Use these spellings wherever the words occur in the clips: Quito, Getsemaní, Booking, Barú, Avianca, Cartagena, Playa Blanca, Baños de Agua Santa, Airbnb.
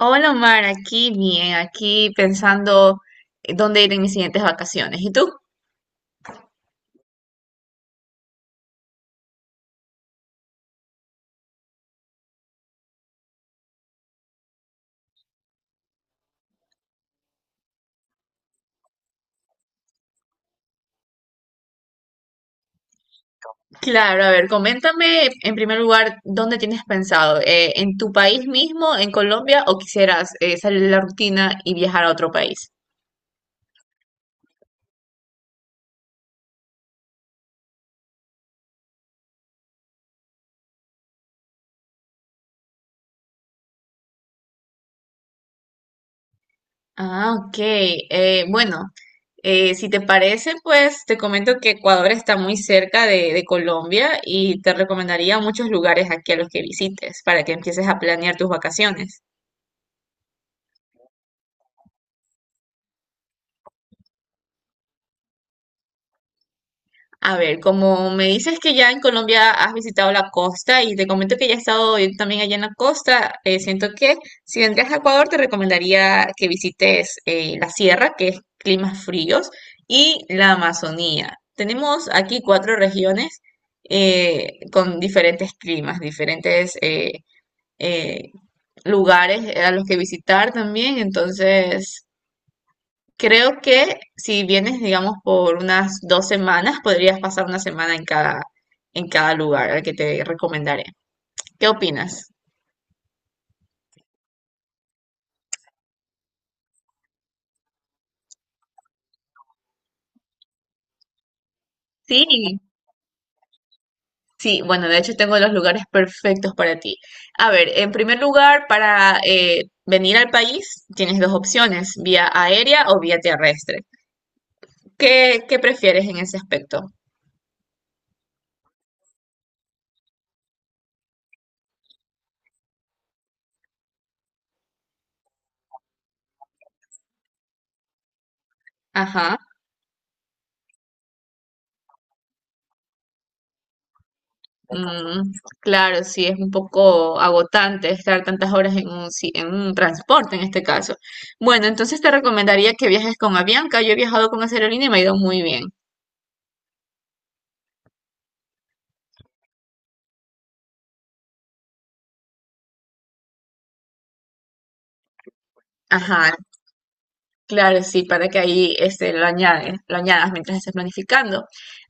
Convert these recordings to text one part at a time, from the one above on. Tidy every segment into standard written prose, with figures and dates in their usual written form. Hola Omar, aquí bien, aquí pensando dónde ir en mis siguientes vacaciones. ¿Y tú? Claro, a ver, coméntame en primer lugar dónde tienes pensado, en tu país mismo, en Colombia, o quisieras salir de la rutina y viajar a otro país. Ah, ok. Bueno, si te parece, pues te comento que Ecuador está muy cerca de Colombia y te recomendaría muchos lugares aquí a los que visites para que empieces a planear tus vacaciones. A ver, como me dices que ya en Colombia has visitado la costa y te comento que ya he estado yo también allá en la costa, siento que si vendrías a Ecuador te recomendaría que visites la sierra, que es climas fríos, y la Amazonía. Tenemos aquí cuatro regiones con diferentes climas, diferentes eh, lugares a los que visitar también. Entonces creo que si vienes, digamos, por unas 2 semanas, podrías pasar una semana en cada lugar al que te recomendaré. ¿Qué opinas? Sí, sí, bueno, de hecho tengo los lugares perfectos para ti. A ver, en primer lugar, para venir al país tienes 2 opciones, vía aérea o vía terrestre. ¿Qué prefieres en ese aspecto? Ajá. Mm, claro, sí, es un poco agotante estar tantas horas en un, en un transporte en este caso. Bueno, entonces te recomendaría que viajes con Avianca. Yo he viajado con esa aerolínea y me ha ido muy bien. Ajá, claro, sí, para que ahí este, lo añadas mientras estés planificando.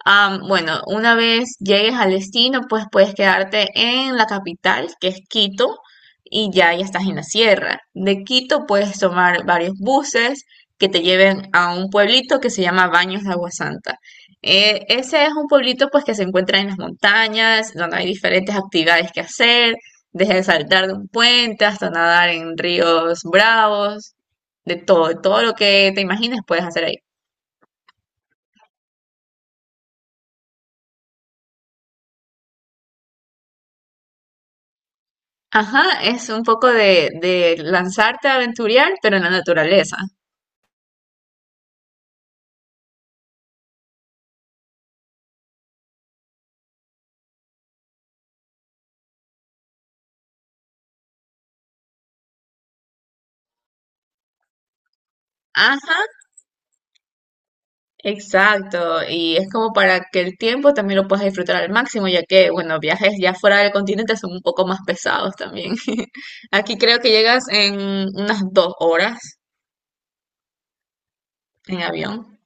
Am, bueno, una vez llegues al destino, pues puedes quedarte en la capital, que es Quito, y ya estás en la sierra. De Quito puedes tomar varios buses que te lleven a un pueblito que se llama Baños de Agua Santa. Ese es un pueblito pues que se encuentra en las montañas, donde hay diferentes actividades que hacer, desde saltar de un puente hasta nadar en ríos bravos. De todo lo que te imagines puedes hacer ahí. Ajá, es un poco de lanzarte a aventurear, pero en la naturaleza. Ajá, exacto. Y es como para que el tiempo también lo puedas disfrutar al máximo, ya que, bueno, viajes ya fuera del continente son un poco más pesados también. Aquí creo que llegas en unas 2 horas en avión.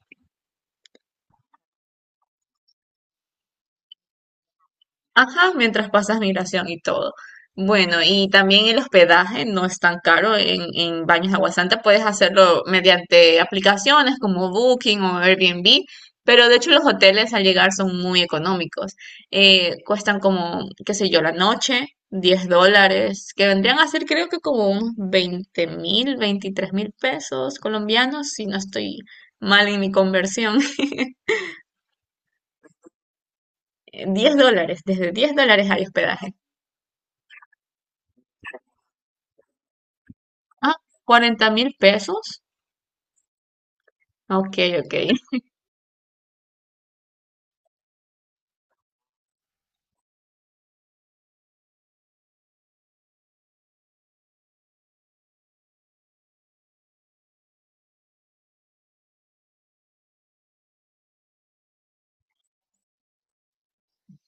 Ajá, mientras pasas migración y todo. Bueno, y también el hospedaje no es tan caro en Baños de Agua Santa. Puedes hacerlo mediante aplicaciones como Booking o Airbnb, pero de hecho los hoteles al llegar son muy económicos. Cuestan como, qué sé yo, la noche, $10, que vendrían a ser creo que como unos 20.000, 23.000 pesos colombianos, si no estoy mal en mi conversión. $10, desde $10 hay hospedaje. Ah, 40.000 pesos. Ok, ok.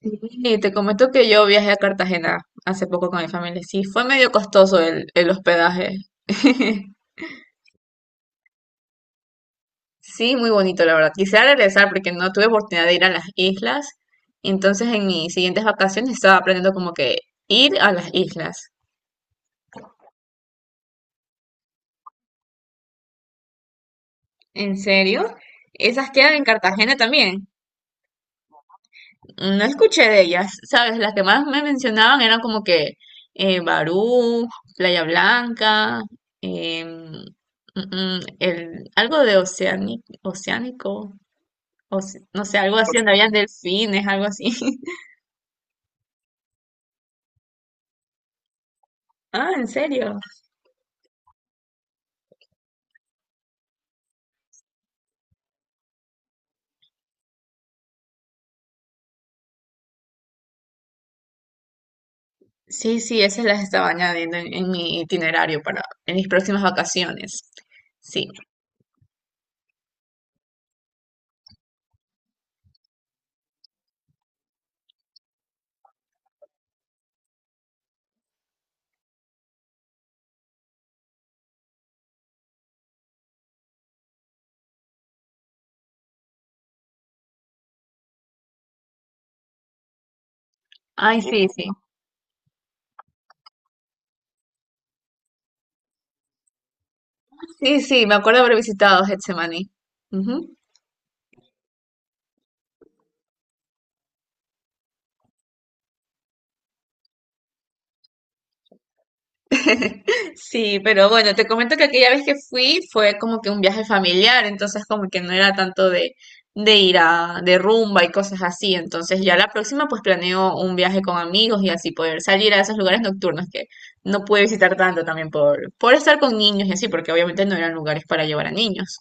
Y te comento que yo viajé a Cartagena hace poco con mi familia. Sí, fue medio costoso el hospedaje. Sí, muy bonito, la verdad. Quisiera regresar porque no tuve oportunidad de ir a las islas. Entonces, en mis siguientes vacaciones estaba aprendiendo como que ir a las islas. ¿En serio? ¿Esas quedan en Cartagena también? Mm, no escuché de ellas, ¿sabes? Las que más me mencionaban eran como que Barú, Playa Blanca, em, el, algo de oceánico, no sé, algo así, donde habían delfines, algo así. Ah, ¿en serio? Sí, sí, esas las estaba añadiendo en mi itinerario para en mis próximas vacaciones. Sí. Ay, sí, sí. Sí, sí, me acuerdo haber visitado Getsemaní. Ujú. Sí, pero bueno, te comento que aquella vez que fui fue como que un viaje familiar, entonces como que no era tanto de ir a, de rumba y cosas así, entonces ya la próxima pues planeo un viaje con amigos y así poder salir a esos lugares nocturnos que no pude visitar tanto también por estar con niños y así, porque obviamente no eran lugares para llevar a niños.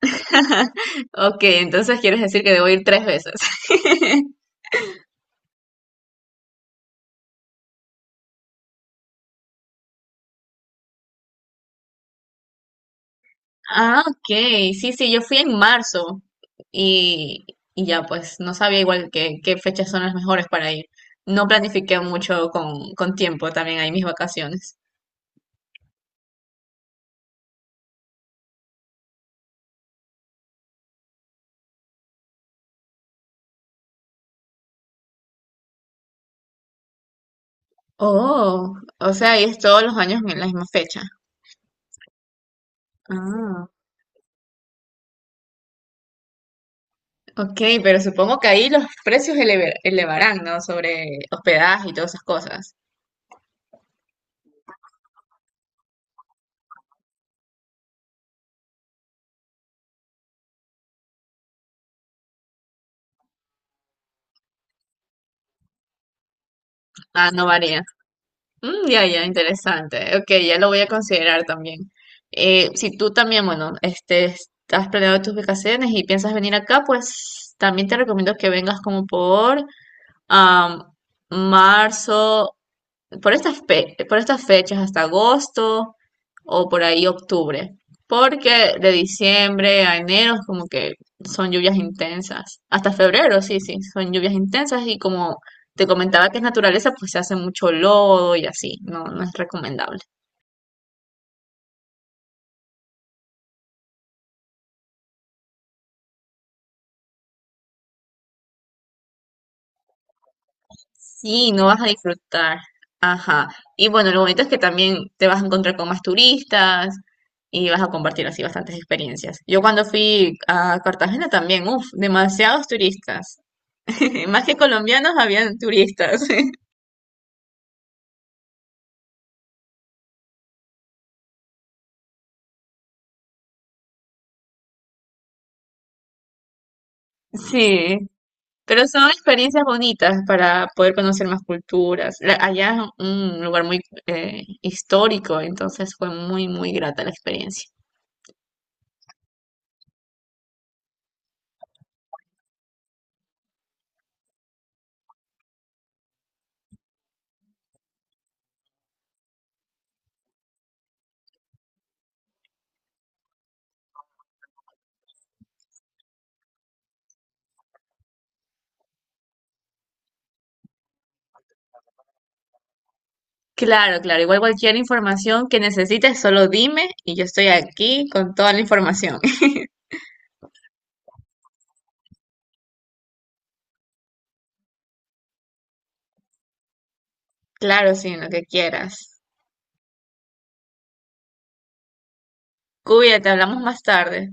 Ok, entonces quieres decir que debo ir 3 veces. Ah, ok. Sí, sí, yo fui en marzo y, y ya pues no sabía igual qué fechas son las mejores para ir. No planifiqué mucho con tiempo también ahí mis vacaciones. Oh, o sea, ahí es todos los años en la misma fecha. Ah, ok, pero supongo que ahí los precios elevarán, ¿no? Sobre hospedaje y todas esas cosas. Ah, no varía. Mm, ya, ya, interesante. Ok, ya lo voy a considerar también. Si tú también, bueno, este, has planeado tus vacaciones y piensas venir acá, pues también te recomiendo que vengas como por am, marzo. Por estas fechas hasta agosto o por ahí octubre, porque de diciembre a enero es como que son lluvias intensas, hasta febrero, sí, sí, son lluvias intensas y como te comentaba que es naturaleza, pues se hace mucho lodo y así, no, no es recomendable. Sí, no vas a disfrutar. Ajá. Y bueno, lo bonito es que también te vas a encontrar con más turistas y vas a compartir así bastantes experiencias. Yo cuando fui a Cartagena también, uff, demasiados turistas. Más que colombianos, habían turistas. Sí, pero son experiencias bonitas para poder conocer más culturas. Allá es un lugar muy histórico, entonces fue muy, muy grata la experiencia. Claro, claro. Igual cualquier información que necesites, solo dime y yo estoy aquí con toda la información. Claro, sí, lo que quieras. Cuídate, hablamos más tarde.